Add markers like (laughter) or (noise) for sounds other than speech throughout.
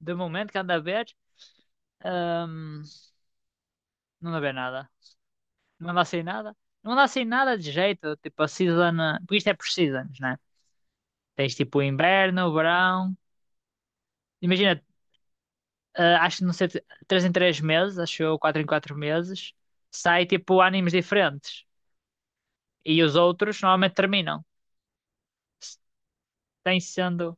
De momento que anda a ver, hum, não anda a ver nada. Não anda sem nada. Não anda sem nada de jeito. Tipo, a season. Porque isto é por seasons, né? Tens tipo o inverno, o verão. Imagina, acho que não sei, 3 em 3 meses, acho eu, 4 em 4 meses, sai tipo animes diferentes. E os outros normalmente terminam. Tem sendo.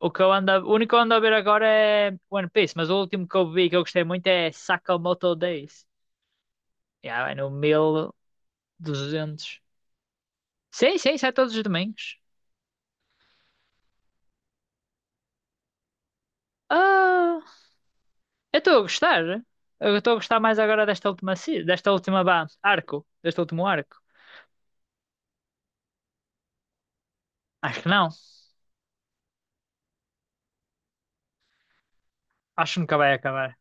O que eu ando, o único que eu ando a ver agora é One Piece, mas o último que eu vi que eu gostei muito é Sakamoto Days. Yeah, vai no 1200. Sim, sim, sai todos os domingos. Ah, eu estou a gostar. Eu estou a gostar mais agora desta última, desta última arco, deste último arco. Acho que não. Acho que nunca vai acabar.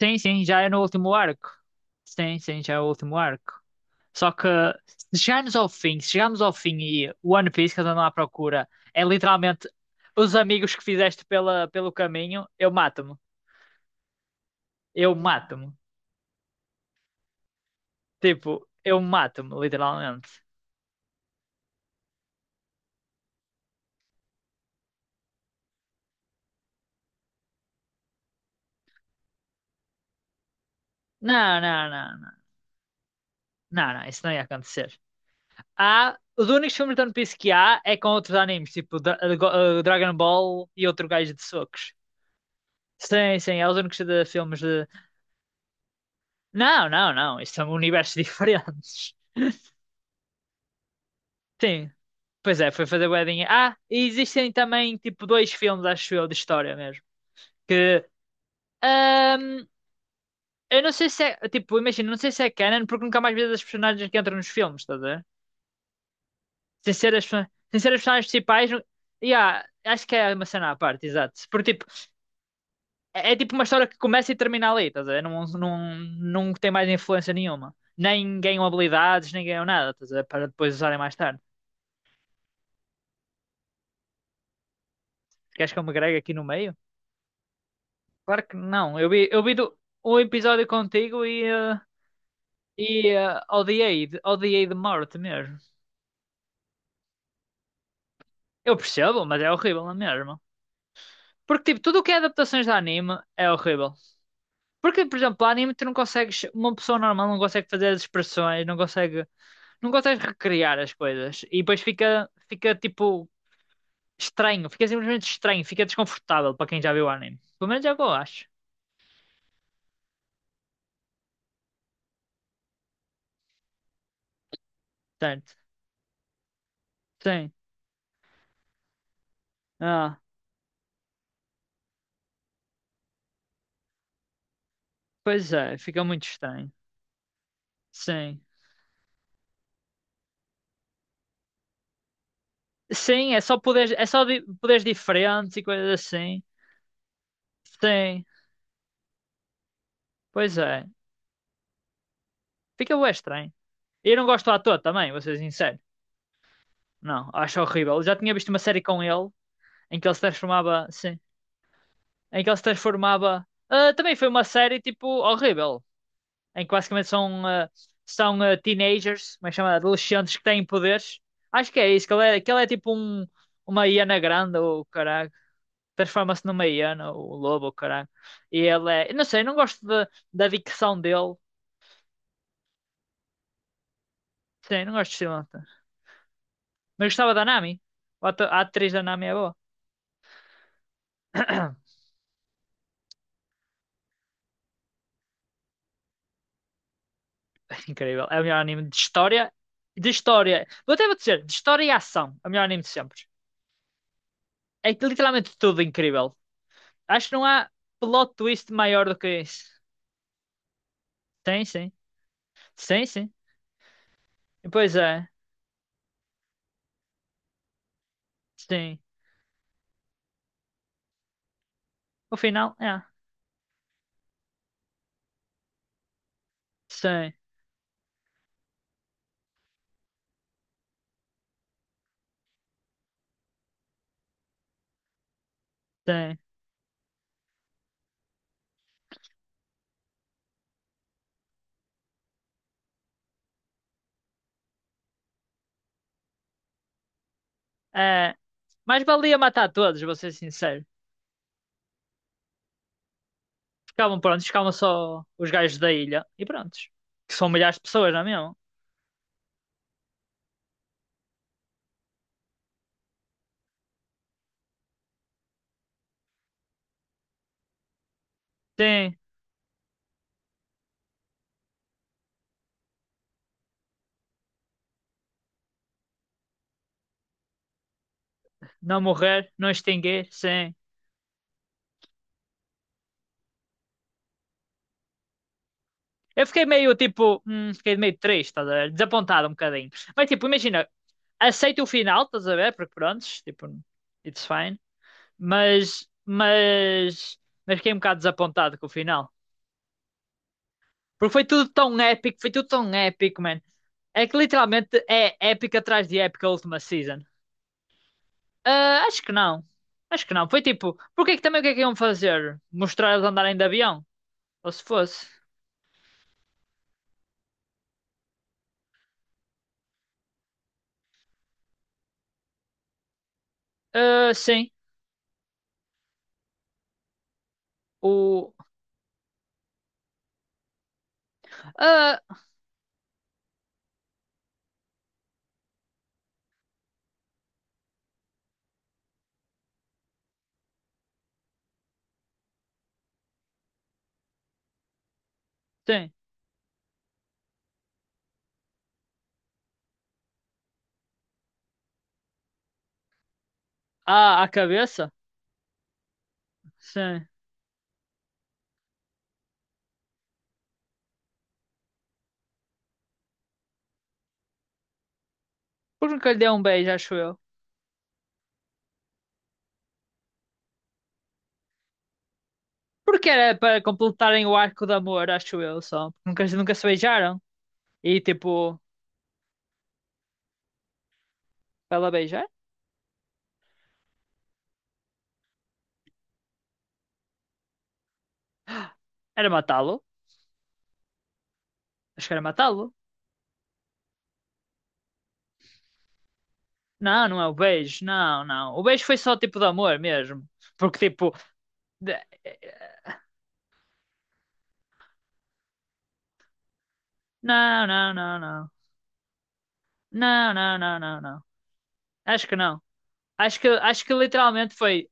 Sim, sim, já é no último arco. Sim, sim, já é o último arco. Só que se chegarmos ao fim e o One Piece que eu ando à procura é literalmente os amigos que fizeste pelo caminho, eu mato-me. Eu mato-me. Tipo, eu mato-me, literalmente. Não, não, não, não. Não, não, isso não ia acontecer. Há, os únicos filmes de One Piece que há é com outros animes, tipo Dragon Ball e outro gajo de socos. Sim, sim, é os únicos de filmes de. Não, não, não, isto são universos (laughs) diferentes. Sim, pois é, foi fazer wedding. Ah, e existem também, tipo, dois filmes, acho eu, de história mesmo. Que. ahm, eu não sei se é. Tipo, imagina, não sei se é canon, porque nunca mais vi as personagens que entram nos filmes, estás a ver? Sem ser as, sem ser as personagens principais, Yeah, acho que é uma cena à parte, exato. Porque, tipo, é tipo uma história que começa e termina ali, estás a ver? Não, não, não tem mais influência nenhuma. Nem ganham habilidades, nem ganham nada, estás a ver? Para depois usarem mais tarde. Queres que eu me gregue aqui no meio? Claro que não. Eu vi um episódio contigo e odiei de morte mesmo. Eu percebo, mas é horrível na mesma. Porque, tipo, tudo o que é adaptações de anime é horrível. Porque, por exemplo, anime tu não consegues. Uma pessoa normal não consegue fazer as expressões, não consegue. Não consegues recriar as coisas. E depois fica tipo, estranho, fica simplesmente estranho, fica desconfortável para quem já viu o anime. Pelo menos é o que eu acho. Certo. Sim. Ah, pois é, fica muito estranho. Sim. Sim, é só poderes diferentes e coisas assim. Sim, pois é. Fica bué estranho. E eu não gosto do ator também, vou ser sincero. Não, acho horrível. Eu já tinha visto uma série com ele em que ele se transformava, sim, em que ele se transformava. Ah, também foi uma série tipo horrível, em que basicamente são teenagers, como é que chama? Adolescentes que têm poderes. Acho que é isso, que ele é tipo uma hiena grande, ou caralho. Transforma-se numa hiena, ou um lobo, ou caralho. E ele é. Não sei, não gosto da dicção dele. Sim, não gosto de Sri Lanka. Mas gostava da Nami. A atriz da Nami é boa. (coughs) (clears throat) Incrível. É o melhor anime de história. De história. Vou dizer, de história e ação. É o melhor anime de sempre. É literalmente tudo incrível. Acho que não há plot twist maior do que isso. Sim, sim. Sim, sim. Pois é. Sim. O final, é. Sim, sim. É. Mas valia matar todos, vou ser sincero. Ficavam só os gajos da ilha. E prontos. Que são milhares de pessoas, não é mesmo? Sim. Não morrer, não extinguir, sim. Eu fiquei meio, tipo, fiquei meio triste, estás a ver? Desapontado um bocadinho. Mas, tipo, imagina, aceito o final, estás a ver? Porque prontos, tipo, it's fine. Mas, mas, mas fiquei um bocado desapontado com o final. Porque foi tudo tão épico, foi tudo tão épico, man. É que literalmente é épica atrás de épica a última season. Ah, acho que não. Acho que não. Foi tipo, porque é que também o que é que iam fazer? Mostrar eles andarem de avião? Ou se fosse? Ah, sim. O. Ah, sim. Ah, a cabeça? Sim. Porque nunca lhe deu um beijo, acho eu. Porque era para completarem o arco de amor, acho eu, só. Nunca se beijaram. E tipo, para ela beijar? Era matá-lo. Acho que era matá-lo. Não, não é o beijo, não, não. O beijo foi só tipo de amor mesmo. Porque tipo. de- Não, não, não, não. Não, não, não, não, não. Acho que não. Acho que literalmente foi.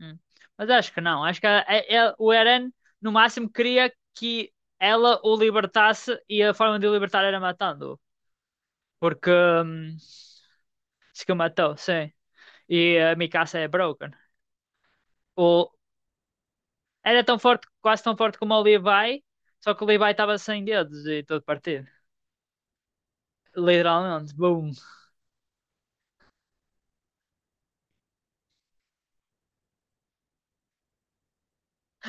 Hum. Mas acho que não. Acho que o Eren, no máximo, queria que ela o libertasse e a forma de o libertar era matando-o. Porque, se que o matou, sim. E a Mikasa é broken. O, Era tão forte, quase tão forte como o Levi, só que o Levi estava sem dedos e todo partido. Literalmente, boom.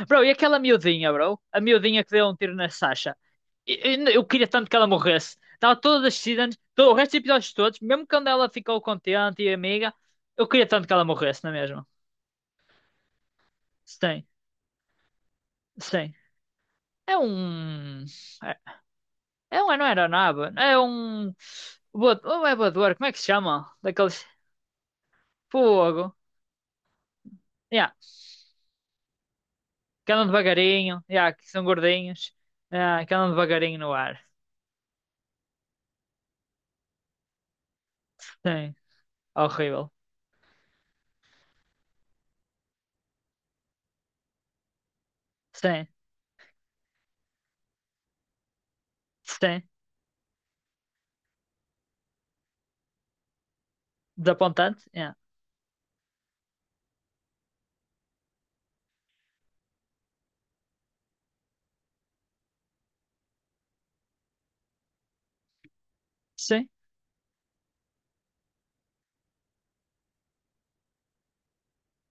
Bro, e aquela miudinha, bro? A miudinha que deu um tiro na Sasha. Eu queria tanto que ela morresse. Estava toda decidida, todo o resto dos episódios todos, mesmo quando ela ficou contente e amiga, eu queria tanto que ela morresse, não é mesmo? Sim, sim. É um. É, é um, não era nada. É um. Não é voador, como é que se chama? Daqueles. Fogo. Yeah, que andam devagarinho. Yeah, que são gordinhos. Yeah, que andam devagarinho no ar. Sim, horrível. Sim. Sim, desapontante. Yeah. Sim,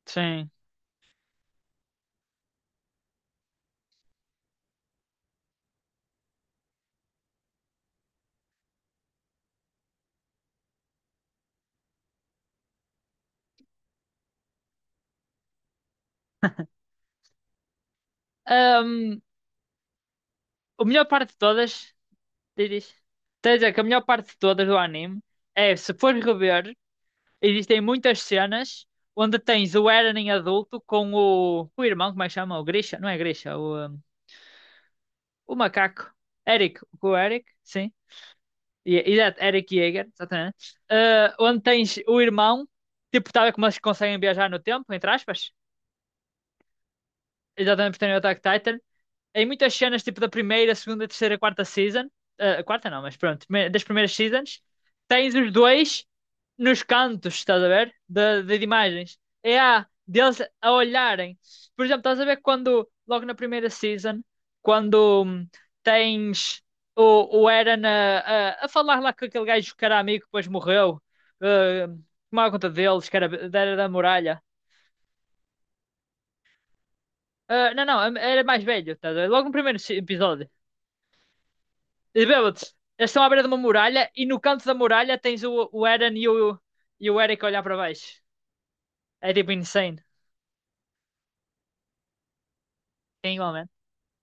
sim. Ahm, a melhor parte de todas, diz. Diz. Quer dizer que a melhor parte de todas do anime é, se fores rever, existem muitas cenas onde tens o Eren em adulto com o irmão, como é que chama? O Grisha? Não é Grisha, o macaco. Com o Eric, sim. Exato, Eric Yeager, exatamente. Ah, onde tens o irmão, tipo, tal como eles conseguem viajar no tempo, entre aspas. Exatamente, porque tem o Attack Titan, em muitas cenas, tipo da primeira, segunda, terceira, quarta season, ah, a quarta não, mas pronto, das primeiras seasons, tens os dois nos cantos, estás a ver? De imagens. É a deles a olharem. Por exemplo, estás a ver quando, logo na primeira season, quando tens o Eren a, falar lá com aquele gajo que era amigo, que depois morreu, ah, tomava conta deles, que era da muralha. Ah, não, não, era mais velho, estás. Logo no primeiro episódio. E bêbados, eles estão à beira de uma muralha e no canto da muralha tens o Eren e o Eric a olhar para baixo. É tipo insane. É igual né?